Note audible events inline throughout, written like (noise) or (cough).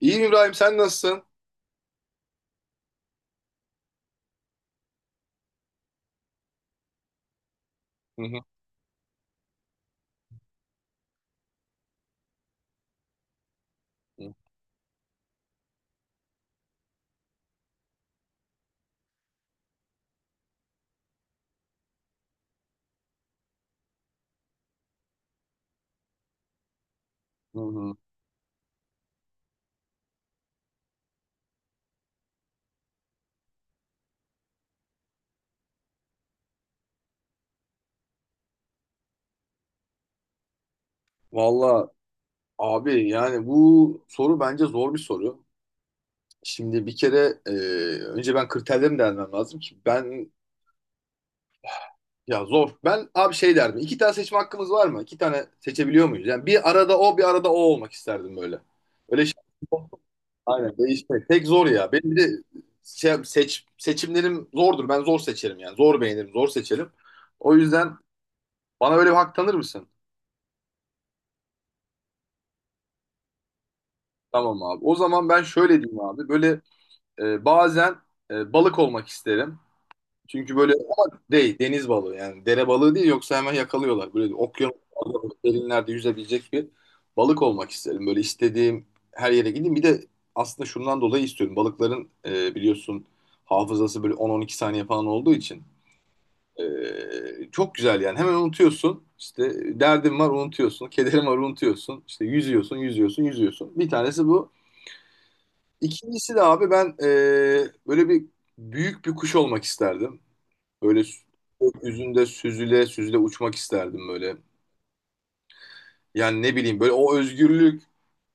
İyiyim İbrahim, sen nasılsın? Hı hı. Hı hı. Valla abi, yani bu soru bence zor bir soru. Şimdi bir kere önce ben kriterlerimi değerlendirmem lazım ki ben ya zor. Ben abi şey derdim. İki tane seçme hakkımız var mı? İki tane seçebiliyor muyuz? Yani bir arada o bir arada o olmak isterdim böyle. Öyle şey. (laughs) Aynen değişmek. Tek zor ya. Benim bir de seçimlerim zordur. Ben zor seçerim yani. Zor beğenirim, zor seçerim. O yüzden bana böyle bir hak tanır mısın? Tamam abi. O zaman ben şöyle diyeyim abi. Böyle bazen balık olmak isterim. Çünkü böyle ama değil deniz balığı, yani dere balığı değil, yoksa hemen yakalıyorlar. Böyle okyanus derinlerde yüzebilecek bir balık olmak isterim. Böyle istediğim her yere gideyim. Bir de aslında şundan dolayı istiyorum. Balıkların biliyorsun hafızası böyle 10-12 saniye falan olduğu için çok güzel yani. Hemen unutuyorsun. İşte derdin var, unutuyorsun. Kederin var, unutuyorsun. İşte yüzüyorsun, yüzüyorsun, yüzüyorsun. Bir tanesi bu. İkincisi de abi ben böyle bir büyük bir kuş olmak isterdim. Böyle sü- Gökyüzünde süzüle süzüle uçmak isterdim böyle. Yani ne bileyim, böyle o özgürlük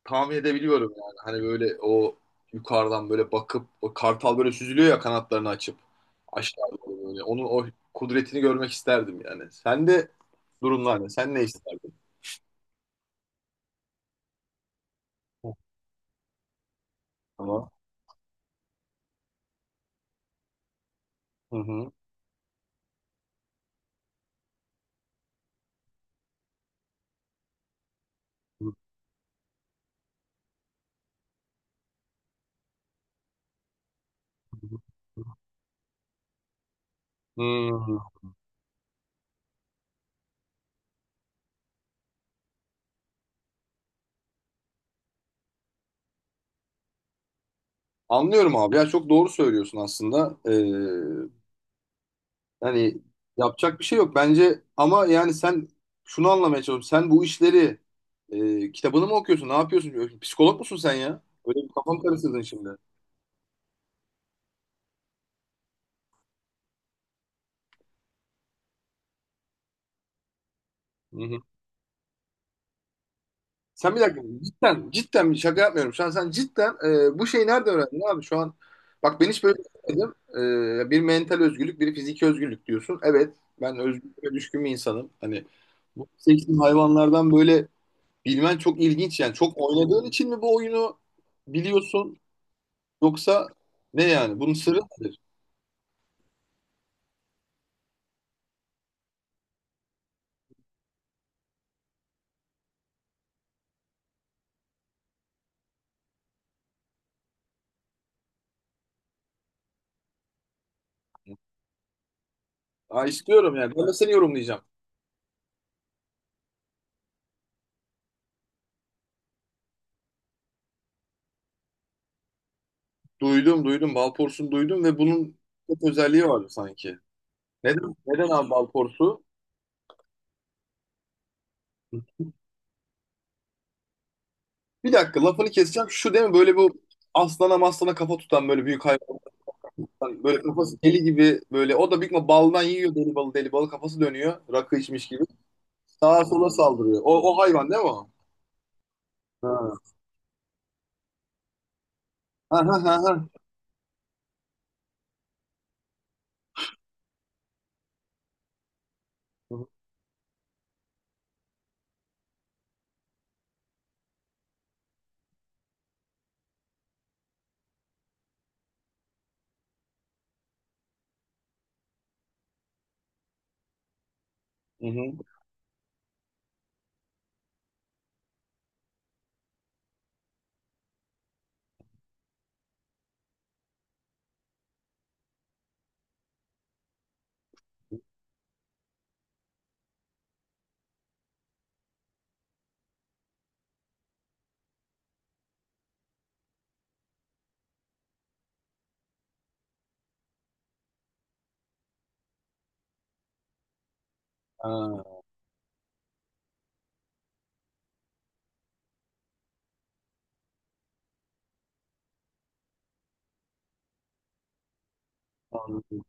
tahmin edebiliyorum yani. Hani böyle o yukarıdan böyle bakıp o kartal böyle süzülüyor ya, kanatlarını açıp aşağı doğru böyle. Onun o kudretini görmek isterdim yani. Sen de durumlar ne? Sen ne isterdin? Tamam. Hı hı. Hı hı. Anlıyorum abi ya, çok doğru söylüyorsun aslında. Yani yapacak bir şey yok bence ama yani sen, şunu anlamaya çalışıyorum. Sen bu işleri kitabını mı okuyorsun? Ne yapıyorsun? Psikolog musun sen ya? Öyle bir kafam karıştırdın şimdi. Hı hı. Sen bir dakika cidden, cidden bir şaka yapmıyorum. Şu an sen cidden bu şeyi nerede öğrendin abi? Şu an bak ben hiç böyle düşünmedim. E, bir mental özgürlük, bir fiziki özgürlük diyorsun. Evet, ben özgürlüğe düşkün bir insanım. Hani bu seçtiğim hayvanlardan böyle bilmen çok ilginç yani. Çok oynadığın için mi bu oyunu biliyorsun? Yoksa ne yani? Bunun sırrı nedir? Aa, istiyorum yani. Ben de seni yorumlayacağım. Duydum, duydum. Balporsun duydum ve bunun çok özelliği vardı sanki. Neden? Neden abi balporsu? Bir dakika lafını keseceğim. Şu değil mi? Böyle bu aslana maslana kafa tutan böyle büyük hayvan. Böyle kafası deli gibi böyle. O da büyük ihtimal baldan yiyor, deli balı deli balı. Kafası dönüyor. Rakı içmiş gibi. Sağa sola saldırıyor. O, o hayvan değil mi o? Ha. Ha ha ha. Ha. Hı hı. Ha. Anladım.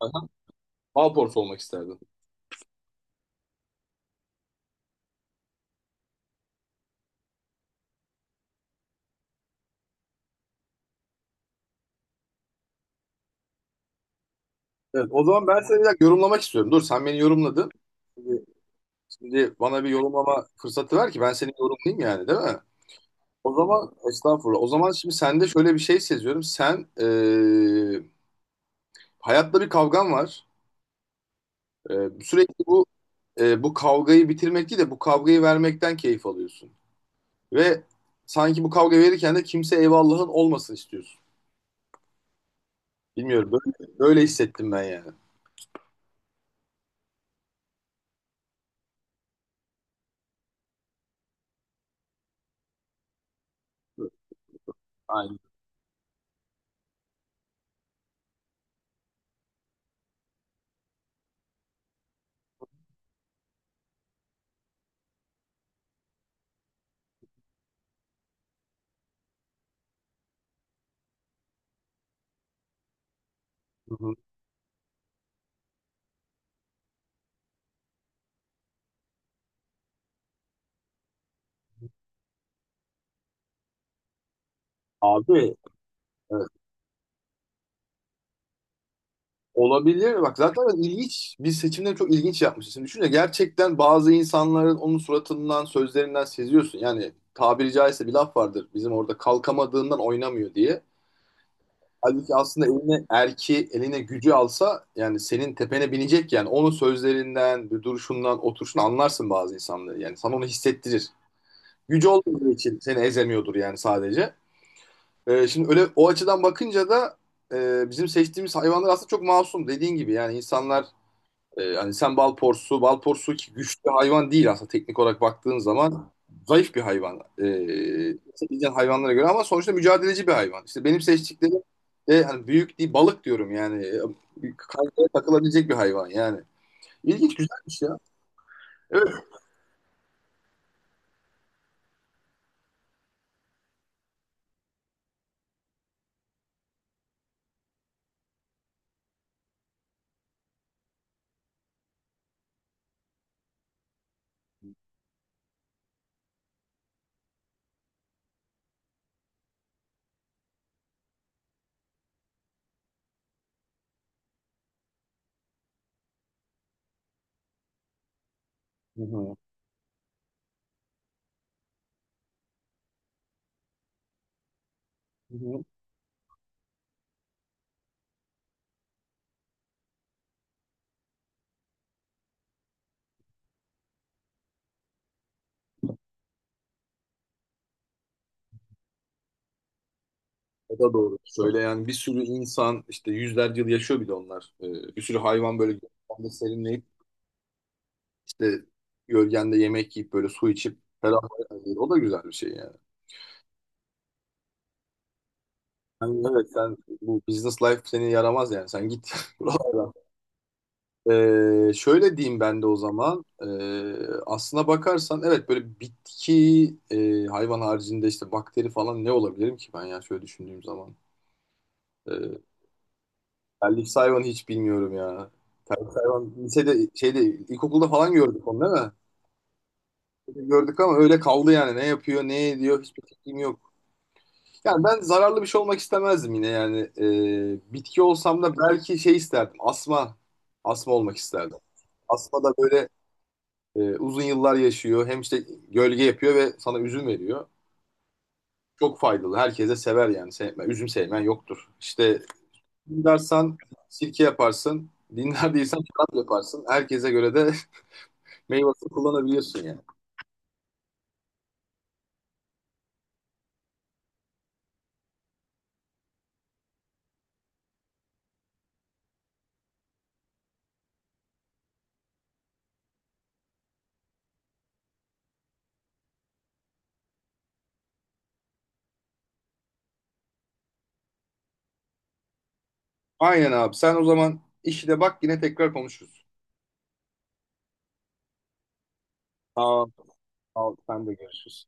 Aha. Balporsu olmak isterdim. Evet, o zaman ben seni bir dakika yorumlamak istiyorum. Dur, sen beni yorumladın. Şimdi, Şimdi bana bir yorumlama fırsatı ver ki ben seni yorumlayayım yani, değil mi? O zaman estağfurullah. O zaman şimdi sende şöyle bir şey seziyorum. Sen hayatla bir kavgan var. Sürekli bu bu kavgayı bitirmek değil de bu kavgayı vermekten keyif alıyorsun. Ve sanki bu kavga verirken de kimse eyvallahın olmasın istiyorsun. Bilmiyorum, böyle, böyle hissettim ben yani. Aynen. Hı hı. Abi evet. Olabilir. Bak zaten ilginç. Biz seçimleri çok ilginç yapmışız. Şimdi düşünce gerçekten bazı insanların onun suratından, sözlerinden seziyorsun. Yani tabiri caizse bir laf vardır. Bizim orada kalkamadığından oynamıyor diye. Halbuki aslında eline erki, eline gücü alsa yani senin tepene binecek yani. Onun sözlerinden, bir duruşundan, oturuşundan anlarsın bazı insanları. Yani sana onu hissettirir. Gücü olmadığı için seni ezemiyordur yani sadece. Şimdi öyle o açıdan bakınca da bizim seçtiğimiz hayvanlar aslında çok masum, dediğin gibi. Yani insanlar hani sen bal porsu, bal porsu ki güçlü hayvan değil aslında, teknik olarak baktığın zaman zayıf bir hayvan. Seçeceğin hayvanlara göre, ama sonuçta mücadeleci bir hayvan. İşte benim seçtiklerim de hani büyük değil, balık diyorum yani. Kayaya takılabilecek bir hayvan yani. İlginç, güzelmiş ya. Evet. Hı hı. Hı hı. O da doğru. Şöyle yani bir sürü insan işte yüzlerce yıl yaşıyor, bir de onlar. Bir sürü hayvan böyle gölgende serinleyip işte gölgende yemek yiyip böyle su içip ferahlayabilir. O da güzel bir şey yani. Yani evet, sen bu business life seni yaramaz yani, sen git (laughs) buralardan. Şöyle diyeyim ben de o zaman, aslına bakarsan evet, böyle bitki hayvan haricinde işte bakteri falan ne olabilirim ki ben ya, şöyle düşündüğüm zaman. Ee, Terlik hayvan hiç bilmiyorum ya. Hayvan lisede, şeyde, ilkokulda falan gördük onu, değil mi? Gördük ama öyle kaldı yani, ne yapıyor, ne ediyor hiçbir fikrim yok. Yani ben zararlı bir şey olmak istemezdim yine yani. Bitki olsam da belki şey isterdim. Asma. Asma olmak isterdim. Asma da böyle uzun yıllar yaşıyor. Hem işte gölge yapıyor ve sana üzüm veriyor. Çok faydalı. Herkese sever yani. Sevme, üzüm sevmen yoktur. İşte dinlersen sirke yaparsın. Dinler değilsen şarap yaparsın. Herkese göre de (laughs) meyvesini kullanabiliyorsun yani. Aynen abi. Sen o zaman işine bak, yine tekrar konuşuruz. Tamam. Sağ ol. Sen de görüşürüz.